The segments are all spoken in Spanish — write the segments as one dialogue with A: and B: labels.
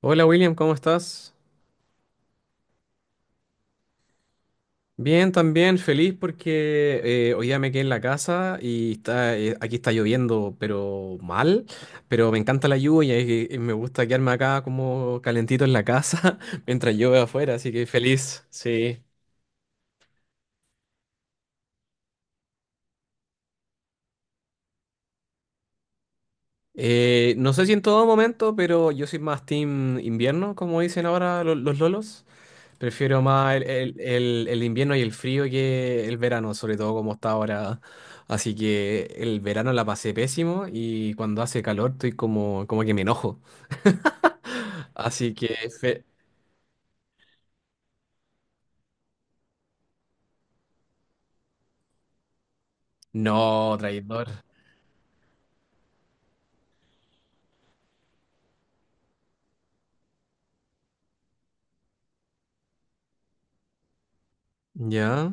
A: Hola William, ¿cómo estás? Bien, también feliz porque hoy día me quedé en la casa y está, aquí está lloviendo, pero mal, pero me encanta la lluvia y me gusta quedarme acá como calentito en la casa mientras llueve afuera, así que feliz, sí. No sé si en todo momento, pero yo soy más team invierno, como dicen ahora los lolos. Prefiero más el invierno y el frío que el verano, sobre todo como está ahora. Así que el verano la pasé pésimo y cuando hace calor estoy como que me enojo. Así que... No, traidor. Ya.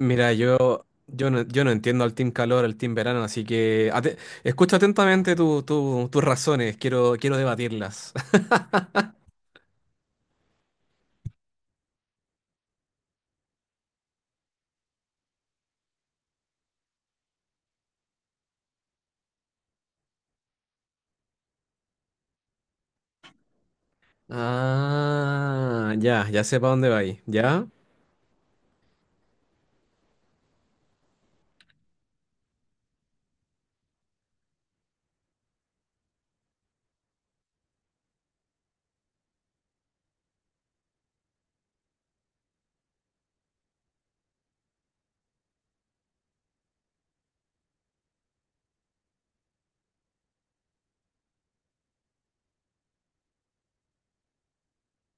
A: Mira, yo no entiendo al team calor, al team verano, así que escucha atentamente tus razones, quiero debatirlas. Ah, ya, ya sé para dónde va ahí. ¿Ya?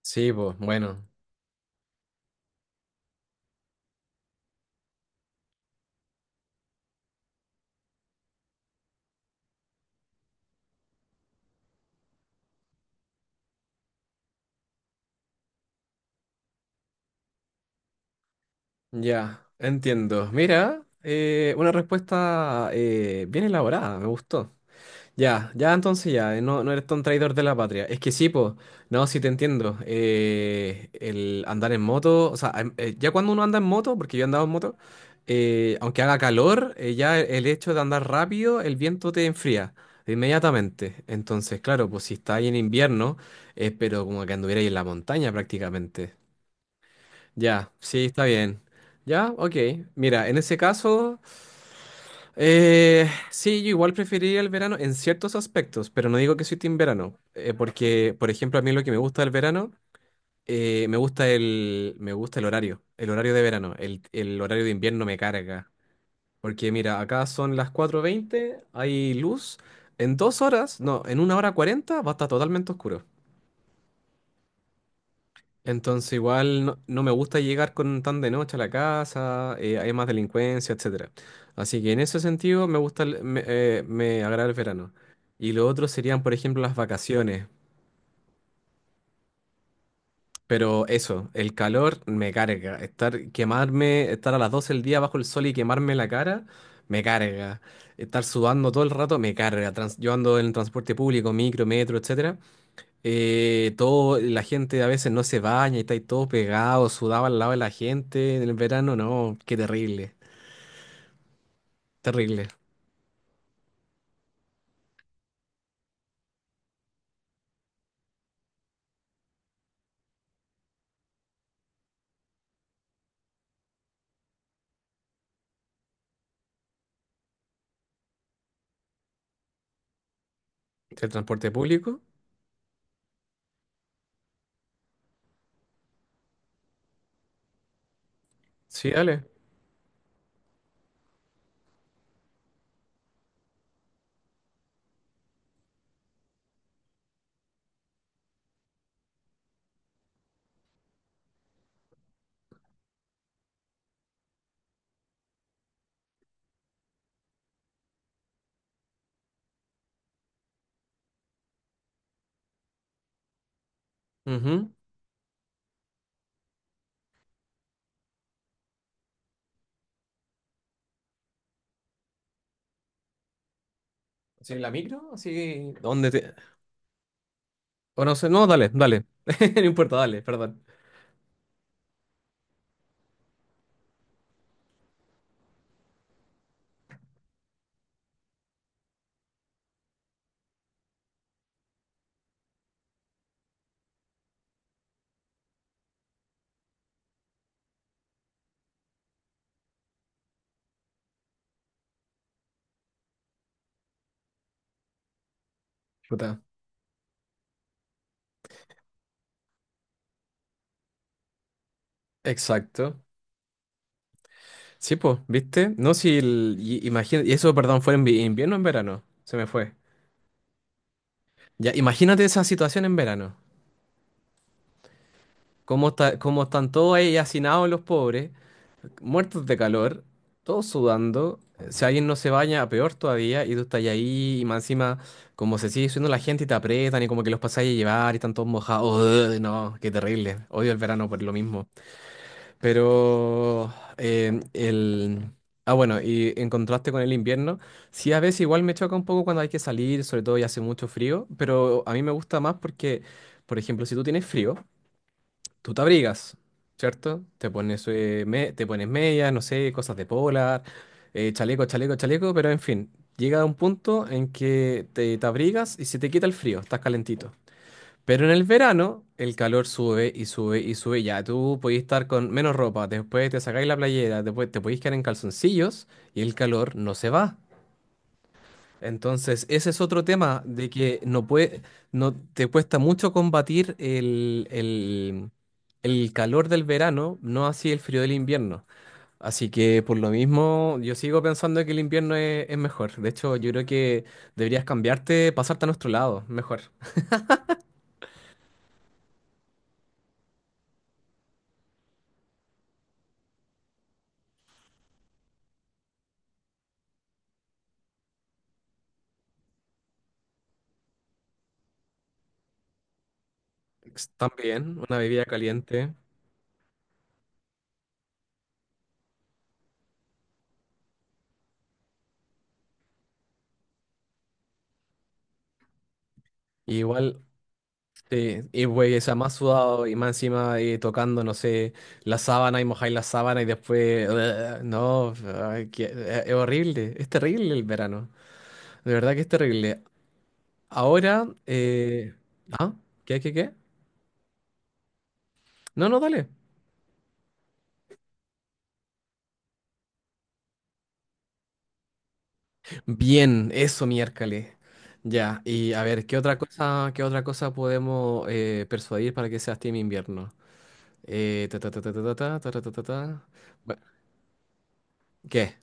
A: Sí, pues, bueno. Ya, entiendo. Mira, una respuesta bien elaborada, me gustó. Ya, ya entonces ya, no eres tan traidor de la patria. Es que sí, po, no, sí te entiendo. El andar en moto, o sea, ya cuando uno anda en moto, porque yo he andado en moto, aunque haga calor, ya el hecho de andar rápido, el viento te enfría inmediatamente. Entonces, claro, pues si está ahí en invierno, es pero como que anduvierais en la montaña prácticamente. Ya, sí, está bien. Ya, ok. Mira, en ese caso, sí, yo igual preferiría el verano en ciertos aspectos, pero no digo que soy team verano, porque, por ejemplo, a mí lo que me gusta del verano, me gusta el horario, el horario de verano, el horario de invierno me carga, porque mira, acá son las 4:20, hay luz, en 2 horas, no, en 1 hora 40, va a estar totalmente oscuro. Entonces igual no me gusta llegar con tan de noche a la casa, hay más delincuencia, etcétera. Así que en ese sentido me gusta, me agrada el verano. Y lo otro serían, por ejemplo, las vacaciones. Pero eso, el calor me carga. Estar, quemarme, estar a las 12 del día bajo el sol y quemarme la cara, me carga. Estar sudando todo el rato, me carga. Yo ando en transporte público, micro, metro, etcétera. Todo, la gente a veces no se baña y está ahí todo pegado, sudaba al lado de la gente en el verano, no, qué terrible, terrible. ¿El transporte público? Sí, dale. Ujú. ¿Sí, la micro? Sí. ¿Dónde te...? O no sé, no, dale, dale. No importa, dale, perdón. Puta. Exacto. Sí, pues, ¿viste? No, si el... y- imagina- y eso, perdón, fue en invierno o en verano, se me fue. Ya, imagínate esa situación en verano. ¿Cómo está, cómo están todos ahí hacinados los pobres? Muertos de calor, todos sudando. Si alguien no se baña, peor todavía, y tú estás ahí, y más encima, como se sigue subiendo la gente y te aprietan, y como que los pasáis a llevar y están todos mojados. Ugh, no, qué terrible. Odio el verano por lo mismo. Pero el. Ah, bueno, y en contraste con el invierno, sí a veces igual me choca un poco cuando hay que salir, sobre todo y hace mucho frío, pero a mí me gusta más porque, por ejemplo, si tú tienes frío, tú te abrigas, ¿cierto? Te pones, te pones medias, no sé, cosas de polar, chaleco, chaleco, chaleco, pero en fin, llega un punto en que te abrigas y se te quita el frío, estás calentito. Pero en el verano, el calor sube y sube y sube. Ya tú podés estar con menos ropa, después te sacáis la playera, después te podéis quedar en calzoncillos y el calor no se va. Entonces, ese es otro tema de que no puede, no te cuesta mucho combatir el calor del verano, no así el frío del invierno. Así que por lo mismo, yo sigo pensando que el invierno es mejor. De hecho, yo creo que deberías cambiarte, pasarte a nuestro lado, mejor. También, una bebida caliente. Igual, sí, y güey, o sea, más sudado y más encima tocando, no sé, la sábana y mojáis la sábana y después. No, ay, es horrible, es terrible el verano, de verdad que es terrible. Ahora, ¿ah? ¿Qué, qué, qué? No, no, dale. Bien, eso miércoles. Ya, y a ver, ¿qué otra cosa podemos persuadir para que sea Team Invierno? Ta, ta, ta, ta, ta, ta, ta, ta, ta, ta, ta. Bueno, ¿qué?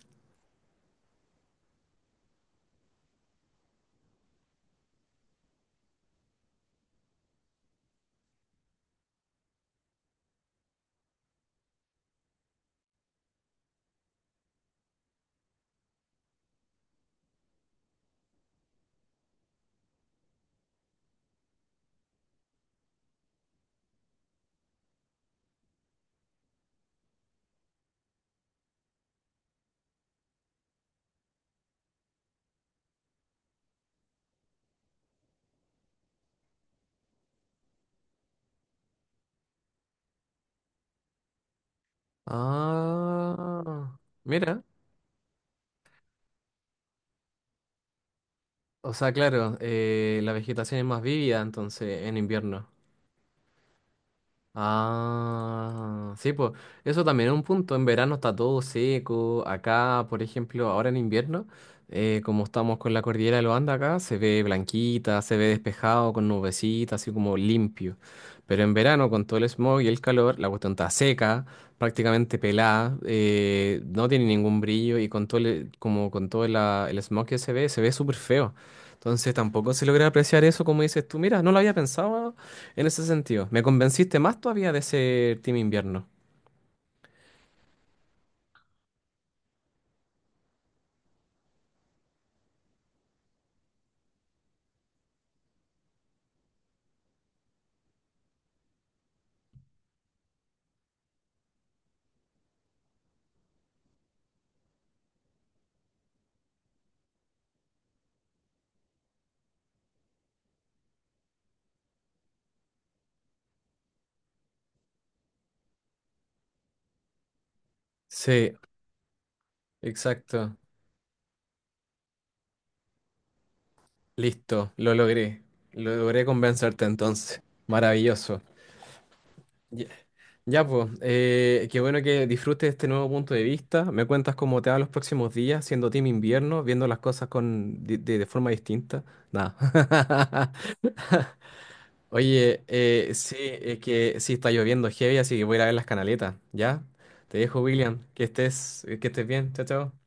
A: Ah, mira. O sea, claro, la vegetación es más vívida entonces en invierno. Ah, sí, pues eso también es un punto. En verano está todo seco. Acá, por ejemplo, ahora en invierno, como estamos con la cordillera de los Andes acá, se ve blanquita, se ve despejado con nubecitas, así como limpio. Pero en verano, con todo el smog y el calor, la cuestión está seca, prácticamente pelada, no tiene ningún brillo y con todo el, como con todo el smog que se ve súper feo. Entonces tampoco se logra apreciar eso, como dices tú. Mira, no lo había pensado en ese sentido, me convenciste más todavía de ser Team Invierno. Sí, exacto. Listo, lo logré. Lo logré convencerte entonces. Maravilloso. Ya, ya, pues, qué bueno que disfrutes este nuevo punto de vista. Me cuentas cómo te va los próximos días siendo Team Invierno, viendo las cosas con, de forma distinta. Nada. Oye, sí, es que sí está lloviendo heavy, así que voy a ir a ver las canaletas. ¿Ya? Te dejo, William. Que estés bien. Chao, chao.